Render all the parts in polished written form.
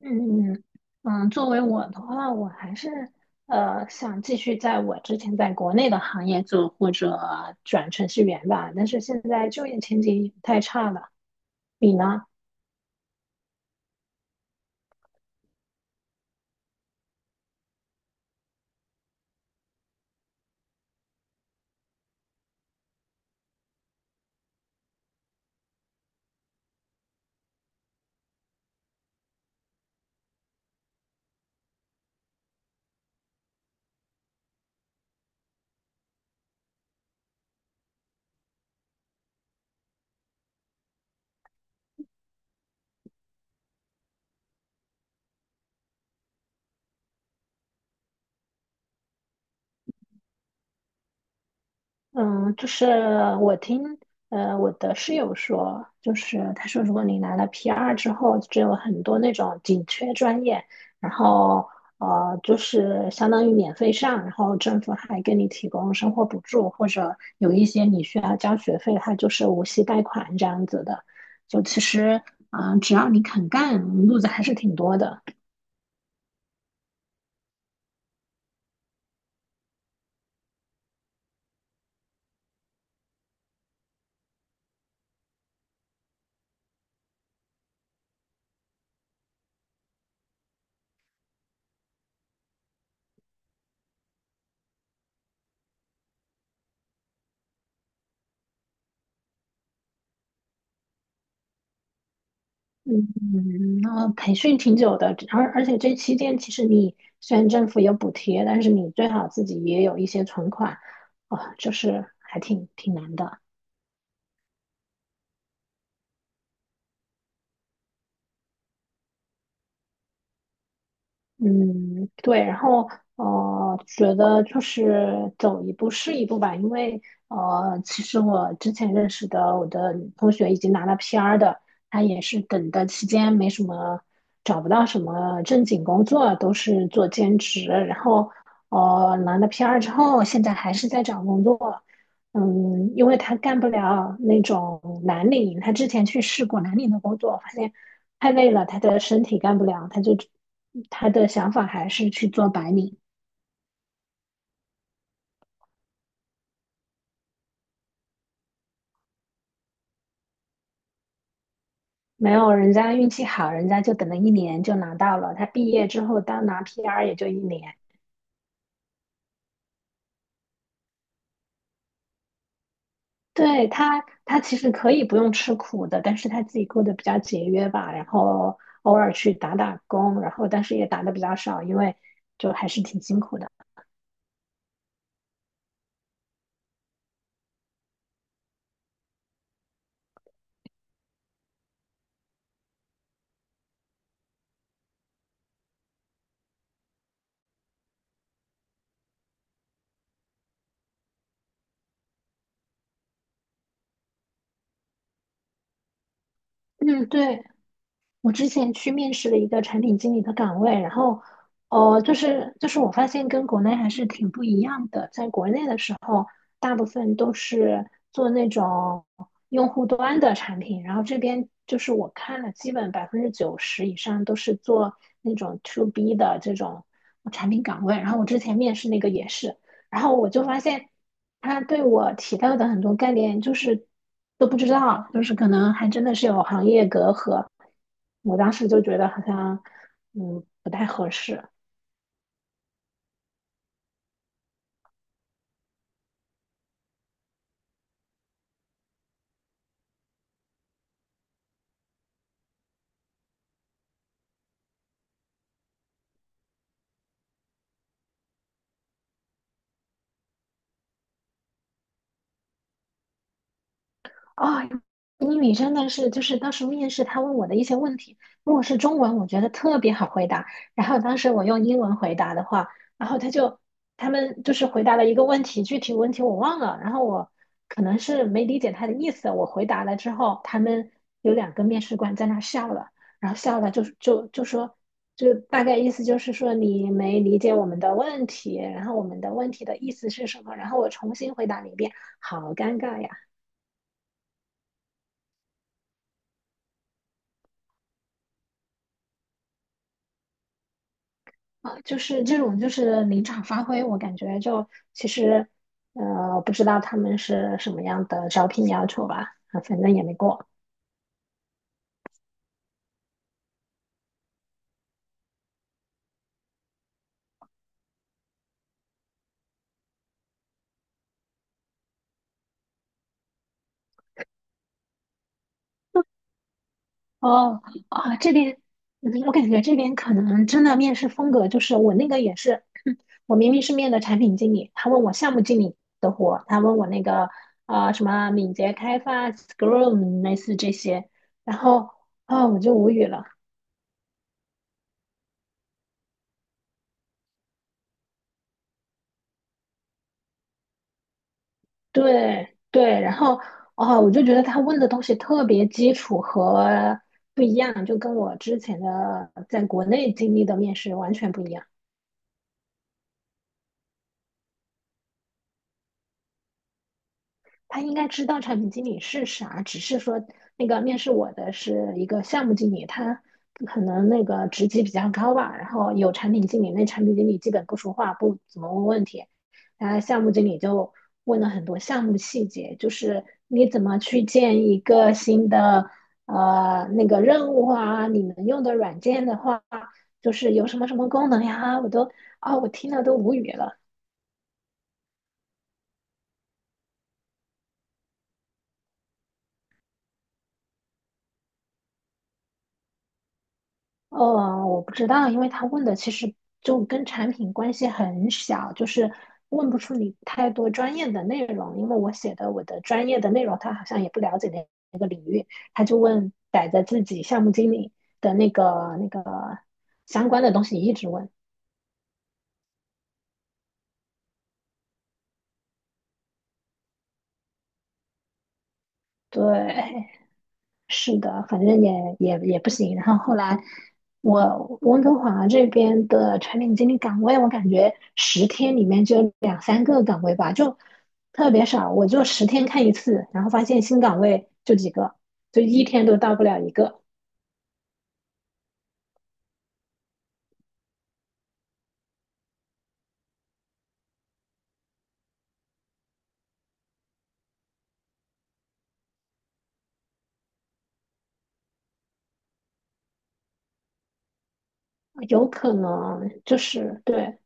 嗯嗯嗯。作为我的话，我还是想继续在我之前在国内的行业做，或者转程序员吧。但是现在就业前景也太差了，你呢？嗯，就是我听我的室友说，就是他说，如果你拿了 PR 之后，就有很多那种紧缺专业，然后就是相当于免费上，然后政府还给你提供生活补助，或者有一些你需要交学费，它就是无息贷款这样子的。就其实啊，只要你肯干，路子还是挺多的。嗯，那培训挺久的，而且这期间其实你虽然政府有补贴，但是你最好自己也有一些存款，就是还挺难的。嗯，对，然后觉得就是走一步是一步吧，因为其实我之前认识的我的同学已经拿了 PR 的，他也是等的期间没什么找不到什么正经工作，都是做兼职，然后拿了 PR 之后，现在还是在找工作，嗯，因为他干不了那种蓝领，他之前去试过蓝领的工作，发现，太累了，他的身体干不了，他的想法还是去做白领。没有，人家运气好，人家就等了一年就拿到了。他毕业之后当拿 PR 也就一年。对，他其实可以不用吃苦的，但是他自己过得比较节约吧，然后偶尔去打打工，然后但是也打的比较少，因为就还是挺辛苦的。嗯，对，我之前去面试了一个产品经理的岗位，然后，就是我发现跟国内还是挺不一样的。在国内的时候，大部分都是做那种用户端的产品，然后这边就是我看了，基本90%以上都是做那种 to B 的这种产品岗位。然后我之前面试那个也是，然后我就发现。他对我提到的很多概念就是都不知道，就是可能还真的是有行业隔阂。我当时就觉得好像不太合适。啊、英语真的是，就是当时面试他问我的一些问题，如果是中文，我觉得特别好回答。然后当时我用英文回答的话，然后他们就是回答了一个问题，具体问题我忘了。然后我可能是没理解他的意思，我回答了之后，他们有两个面试官在那笑了，然后笑了就说，就大概意思就是说你没理解我们的问题，然后我们的问题的意思是什么？然后我重新回答了一遍，好尴尬呀。啊，就是这种就是临场发挥，我感觉就其实不知道他们是什么样的招聘要求吧，啊反正也没过。哦啊，这边嗯我感觉这边可能真的面试风格就是我那个也是，我明明是面的产品经理，他问我项目经理的活，他问我那个什么敏捷开发、Scrum 类似这些，然后我就无语了。对对，然后哦，我就觉得他问的东西特别基础和不一样，就跟我之前的在国内经历的面试完全不一样。他应该知道产品经理是啥，只是说那个面试我的是一个项目经理，他可能那个职级比较高吧，然后有产品经理，那产品经理基本不说话，不怎么问问题，然后项目经理就问了很多项目细节，就是你怎么去建一个新的那个任务啊，你们用的软件的话，就是有什么什么功能呀，我都我听了都无语了。我不知道，因为他问的其实就跟产品关系很小，就是问不出你太多专业的内容。因为我写的我的专业的内容，他好像也不了解那，他就问逮着自己项目经理的那个相关的东西一直问。对，是的，反正也不行。然后后来我温哥华这边的产品经理岗位，我感觉十天里面就两三个岗位吧，就特别少。我就十天看一次，然后发现新岗位就几个，就一天都到不了一个。有可能就是对，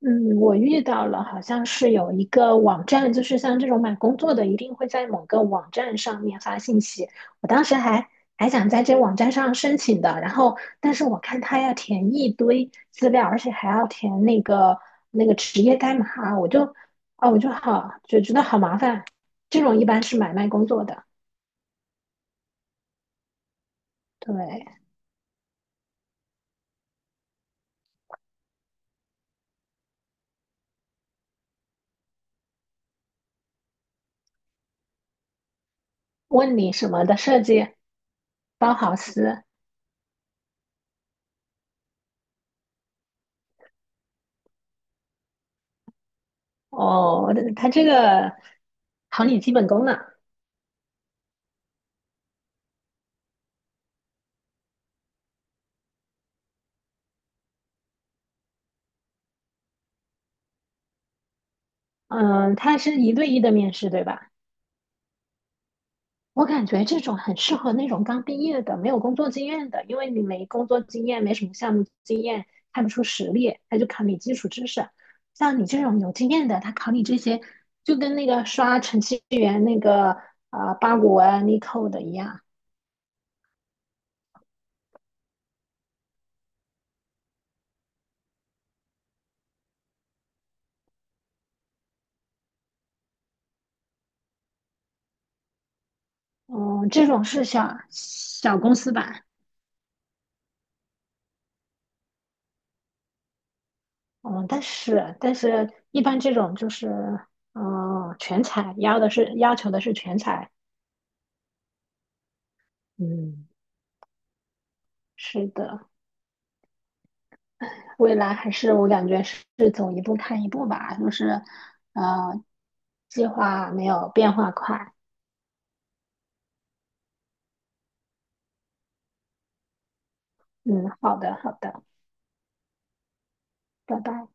嗯，我遇到了，好像是有一个网站，就是像这种买工作的，一定会在某个网站上面发信息。我当时还想在这网站上申请的，然后但是我看他要填一堆资料，而且还要填那个职业代码啊，我就觉得好麻烦。这种一般是买卖工作的，对，问你什么的设计，包好思，哦，他这个考你基本功呢。嗯，它是一对一的面试，对吧？我感觉这种很适合那种刚毕业的、没有工作经验的，因为你没工作经验，没什么项目经验，看不出实力，他就考你基础知识。像你这种有经验的，他考你这些，就跟那个刷程序员那个八股文、力扣的一样。嗯，这种是小小公司吧？嗯，但是一般这种就是全才，要求的是全才。嗯，是的。未来还是我感觉是走一步看一步吧，就是，呃，计划没有变化快。嗯，好的，好的，拜拜。